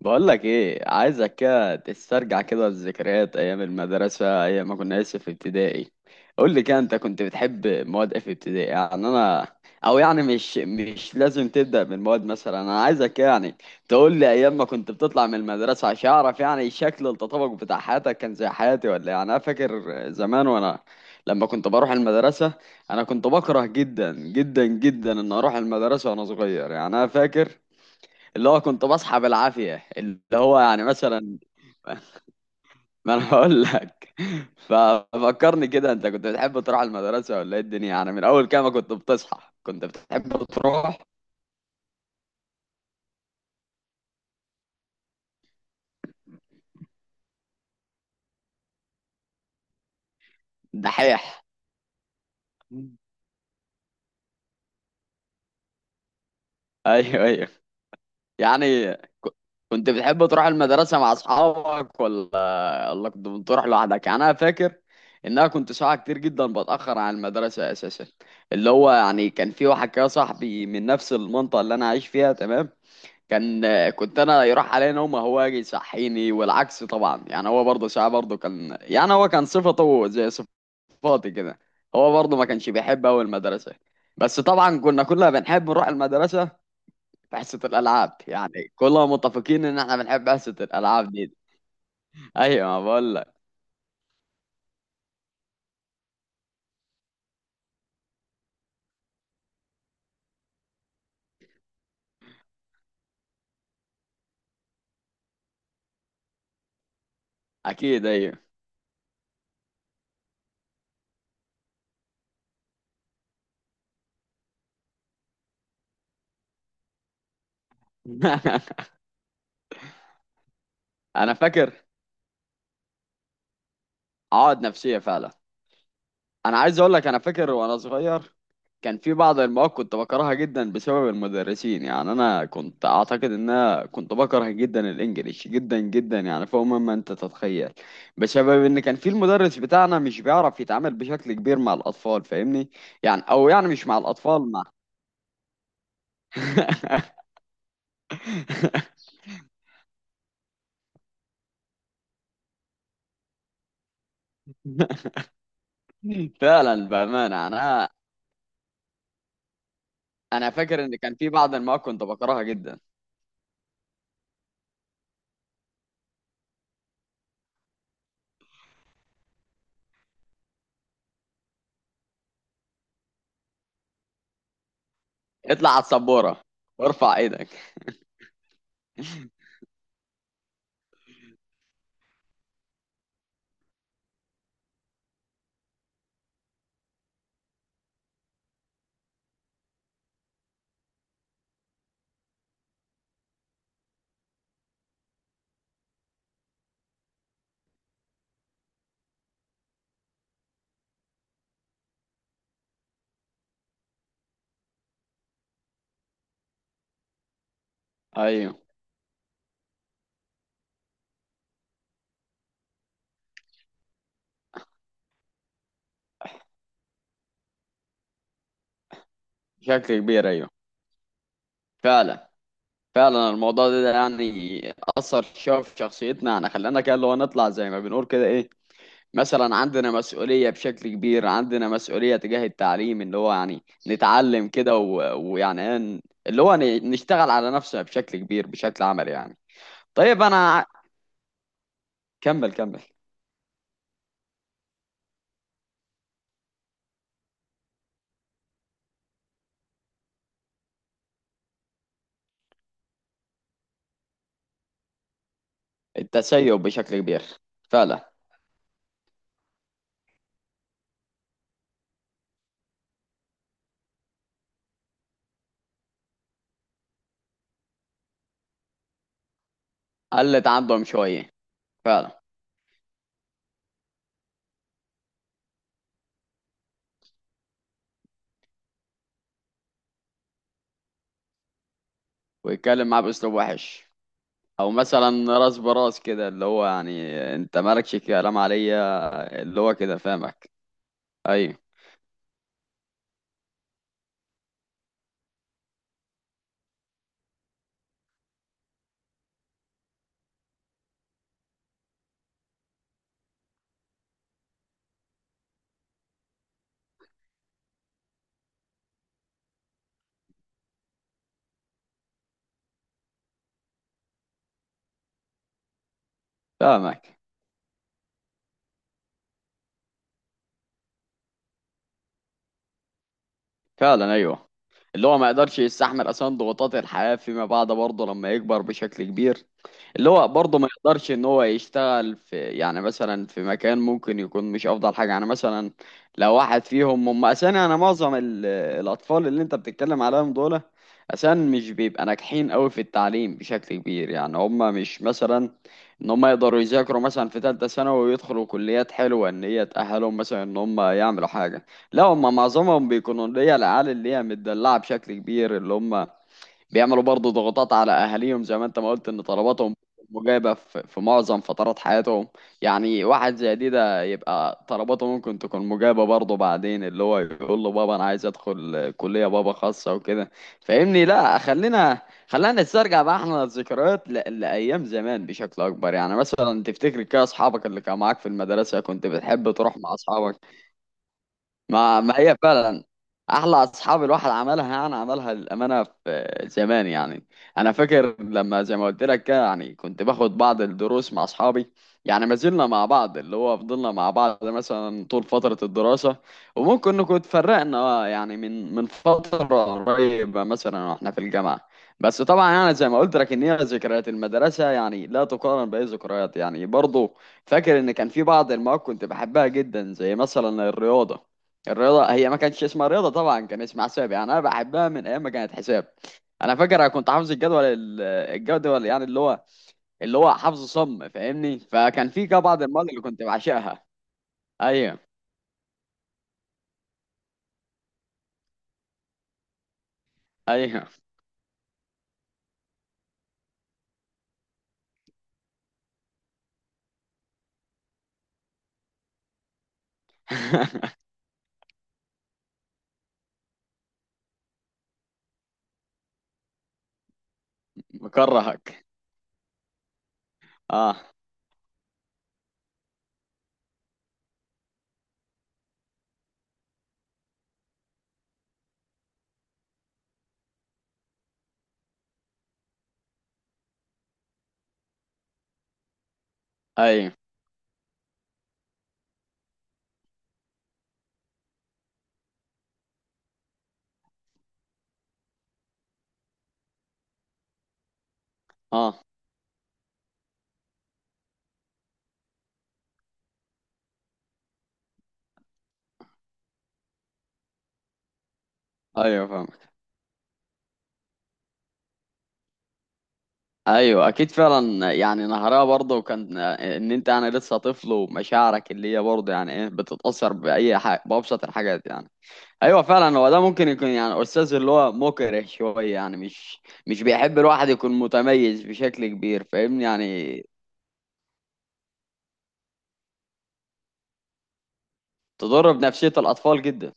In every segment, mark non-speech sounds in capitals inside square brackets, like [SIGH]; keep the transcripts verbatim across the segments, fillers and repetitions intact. بقولك ايه، عايزك كده تسترجع كده الذكريات ايام المدرسة، ايام ما كنا لسه في ابتدائي. قول لي كده، انت كنت بتحب مواد ايه في ابتدائي؟ يعني انا، او يعني مش مش لازم تبدأ من مواد، مثلا انا عايزك كده يعني تقول لي ايام ما كنت بتطلع من المدرسة عشان اعرف يعني شكل التطابق بتاع حياتك كان زي حياتي ولا إيه. يعني انا فاكر زمان وانا لما كنت بروح المدرسة، انا كنت بكره جدا جدا جدا ان اروح المدرسة وانا صغير. يعني انا فاكر اللي هو كنت بصحى بالعافية، اللي هو يعني مثلا [LAUGHS] ما انا هقول لك [LAUGHS] ففكرني كده، انت كنت بتحب تروح المدرسة ولا ايه الدنيا؟ يعني من اول كام كنت بتصحى؟ كنت بتحب تروح؟ دحيح. ايوه ايوه. يعني ك- كنت بتحب تروح المدرسة مع اصحابك، ولا ولا كنت بتروح لوحدك؟ يعني انا فاكر ان انا كنت ساعة كتير جدا بتأخر عن المدرسة اساسا. اللي هو يعني كان في واحد كده صاحبي من نفس المنطقة اللي انا عايش فيها، تمام. كان كنت انا يروح عليا نومه، هو يجي يصحيني والعكس طبعا. يعني هو برضه ساعه برضه كان، يعني هو كان صفته زي صفاتي كده، هو برضه ما كانش بيحب أوي المدرسه. بس طبعا كنا كلنا بنحب نروح المدرسه في حصه الالعاب. يعني كلنا متفقين ان احنا بنحب حصه الالعاب دي. ايوه ما بقول لك. اكيد ايوه. [LAUGHS] انا فاكر عقد نفسيه فعلا. انا عايز اقول لك، انا فاكر وانا صغير كان في بعض المواد كنت بكرهها جدا بسبب المدرسين. يعني انا كنت اعتقد ان انا كنت بكره جدا الانجليش جدا جدا، يعني فوق مما انت تتخيل، بسبب ان كان في المدرس بتاعنا مش بيعرف يتعامل بشكل كبير مع الاطفال، فاهمني. يعني او يعني مش مع الاطفال، مع [LAUGHS] فعلا بامانه. يعني انا انا فاكر ان كان في بعض المواد كنت بكرهها جدا. اطلع على السبوره وارفع ايدك. [LAUGHS] ايوه بشكل كبير، ايوه فعلا. فعلا الموضوع ده, ده يعني أثر شوية في شخصيتنا، يعني خلانا كده اللي هو نطلع زي ما بنقول كده إيه، مثلا عندنا مسؤولية بشكل كبير، عندنا مسؤولية تجاه التعليم، اللي هو يعني نتعلم كده و- ويعني إيه ن- اللي هو ن- نشتغل على نفسنا بشكل كبير بشكل عملي يعني. طيب أنا ع- كمل كمل. التسيب بشكل كبير فعلا. قلت عندهم شوية، فعلا. ويتكلم معاه بأسلوب وحش، او مثلا راس براس كده، اللي هو يعني انت مالكش كلام عليا، اللي هو كده فاهمك. ايوه فاهمك فعلا ايوه. اللي هو ما يقدرش يستحمل اصلا ضغوطات الحياه فيما بعد برضه لما يكبر بشكل كبير، اللي هو برضه ما يقدرش ان هو يشتغل في يعني مثلا في مكان ممكن يكون مش افضل حاجه، يعني مثلا لو واحد فيهم هم اساسا. انا معظم ال- الاطفال اللي انت بتتكلم عليهم دول اساسا مش بيبقى ناجحين قوي في التعليم بشكل كبير. يعني هم مش مثلا ان هم يقدروا يذاكروا مثلا في ثالثه ثانوي ويدخلوا كليات حلوه ان هي تاهلهم مثلا ان هم يعملوا حاجه. لا، هم معظمهم بيكونوا اللي هي العيال اللي هي متدلعه بشكل كبير، اللي هم بيعملوا برضه ضغوطات على اهاليهم زي ما انت ما قلت، ان طلباتهم مجابه في في معظم فترات حياتهم. يعني واحد زي دي ده يبقى طلباته ممكن تكون مجابه برضه بعدين، اللي هو يقول له بابا انا عايز ادخل كليه بابا خاصه وكده. فاهمني. لا خلينا، خلينا نسترجع بقى احنا الذكريات ل- لايام زمان بشكل اكبر. يعني مثلا تفتكر كده اصحابك اللي كانوا معاك في المدرسه؟ كنت بتحب تروح مع اصحابك؟ ما ما هي فعلا احلى اصحاب الواحد عملها يعني عملها للامانه في زمان. يعني انا فاكر لما زي ما قلت لك كده، يعني كنت باخد بعض الدروس مع اصحابي. يعني ما زلنا مع بعض، اللي هو فضلنا مع بعض مثلا طول فتره الدراسه، وممكن نكون اتفرقنا آه، يعني من من فتره قريبه مثلا واحنا في الجامعه. بس طبعا يعني زي ما قلت لك ان هي ذكريات المدرسه يعني لا تقارن باي ذكريات يعني. برضه فاكر ان كان في بعض المواد كنت بحبها جدا زي مثلا الرياضه. الرياضة هي ما كانتش اسمها رياضة طبعا، كان اسمها حساب. يعني أنا بحبها من أيام ما كانت حساب. أنا فاكر أنا كنت حافظ الجدول ال- الجدول يعني اللي هو، اللي هو حفظ صم فاهمني. فكان في كده بعض المواد اللي كنت بعشقها. أيوه أيوه. [LAUGHS] مكرهك. أه أيوه. أه أيوه فاهم. أيوه أكيد فعلا. يعني نهرها برضه كان إن أنت يعني لسه طفل ومشاعرك اللي هي برضه يعني إيه بتتأثر بأي حاجة، بأبسط الحاجات يعني. ايوه فعلا، هو ده ممكن يكون يعني استاذ اللي هو مكره شويه، يعني مش مش بيحب الواحد يكون متميز بشكل كبير، فاهمني يعني. تضر بنفسيه الاطفال جدا.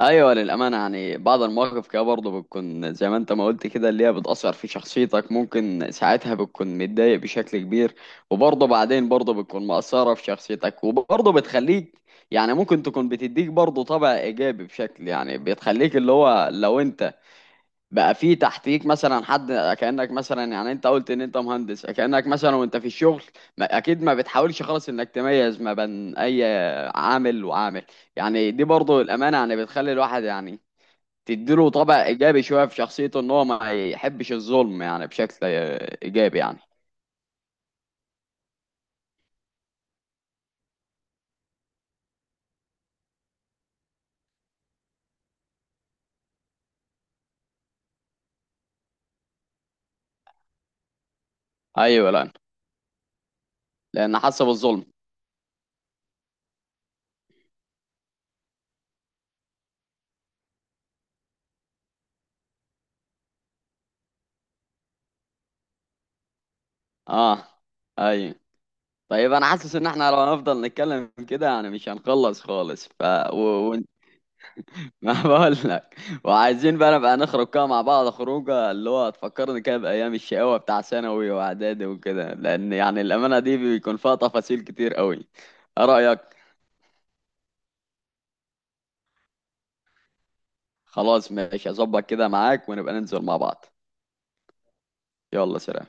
ايوه للامانه. يعني بعض المواقف كده برضه بتكون زي ما انت ما قلت كده، اللي هي بتاثر في شخصيتك. ممكن ساعتها بتكون متضايق بشكل كبير، وبرضه بعدين برضه بتكون مأثره في شخصيتك وبرضه بتخليك يعني ممكن تكون بتديك برضه طبع ايجابي بشكل. يعني بتخليك اللي هو لو انت بقى في تحتيك مثلا حد، كأنك مثلا يعني انت قلت ان انت مهندس، كأنك مثلا وانت في الشغل ما اكيد ما بتحاولش خالص انك تميز ما بين اي عامل وعامل. يعني دي برضو الامانة، يعني بتخلي الواحد يعني تديله طبع ايجابي شوية في شخصيته ان هو ما يحبش الظلم، يعني بشكل ايجابي يعني. ايوه لان، لان حاسه بالظلم. اه ايوه. طيب انا حاسس ان احنا لو هنفضل نتكلم كده يعني مش هنخلص خالص. ف و... و... ما [LAUGHS] بقول لك، وعايزين بقى نبقى نخرج كده مع بعض خروجه، اللي هو تفكرني كده بايام الشقاوه بتاع ثانوي واعدادي وكده، لان يعني الامانه دي بيكون فيها تفاصيل كتير قوي. ايه رايك؟ خلاص ماشي، اظبط كده معاك ونبقى ننزل مع بعض. يلا سلام.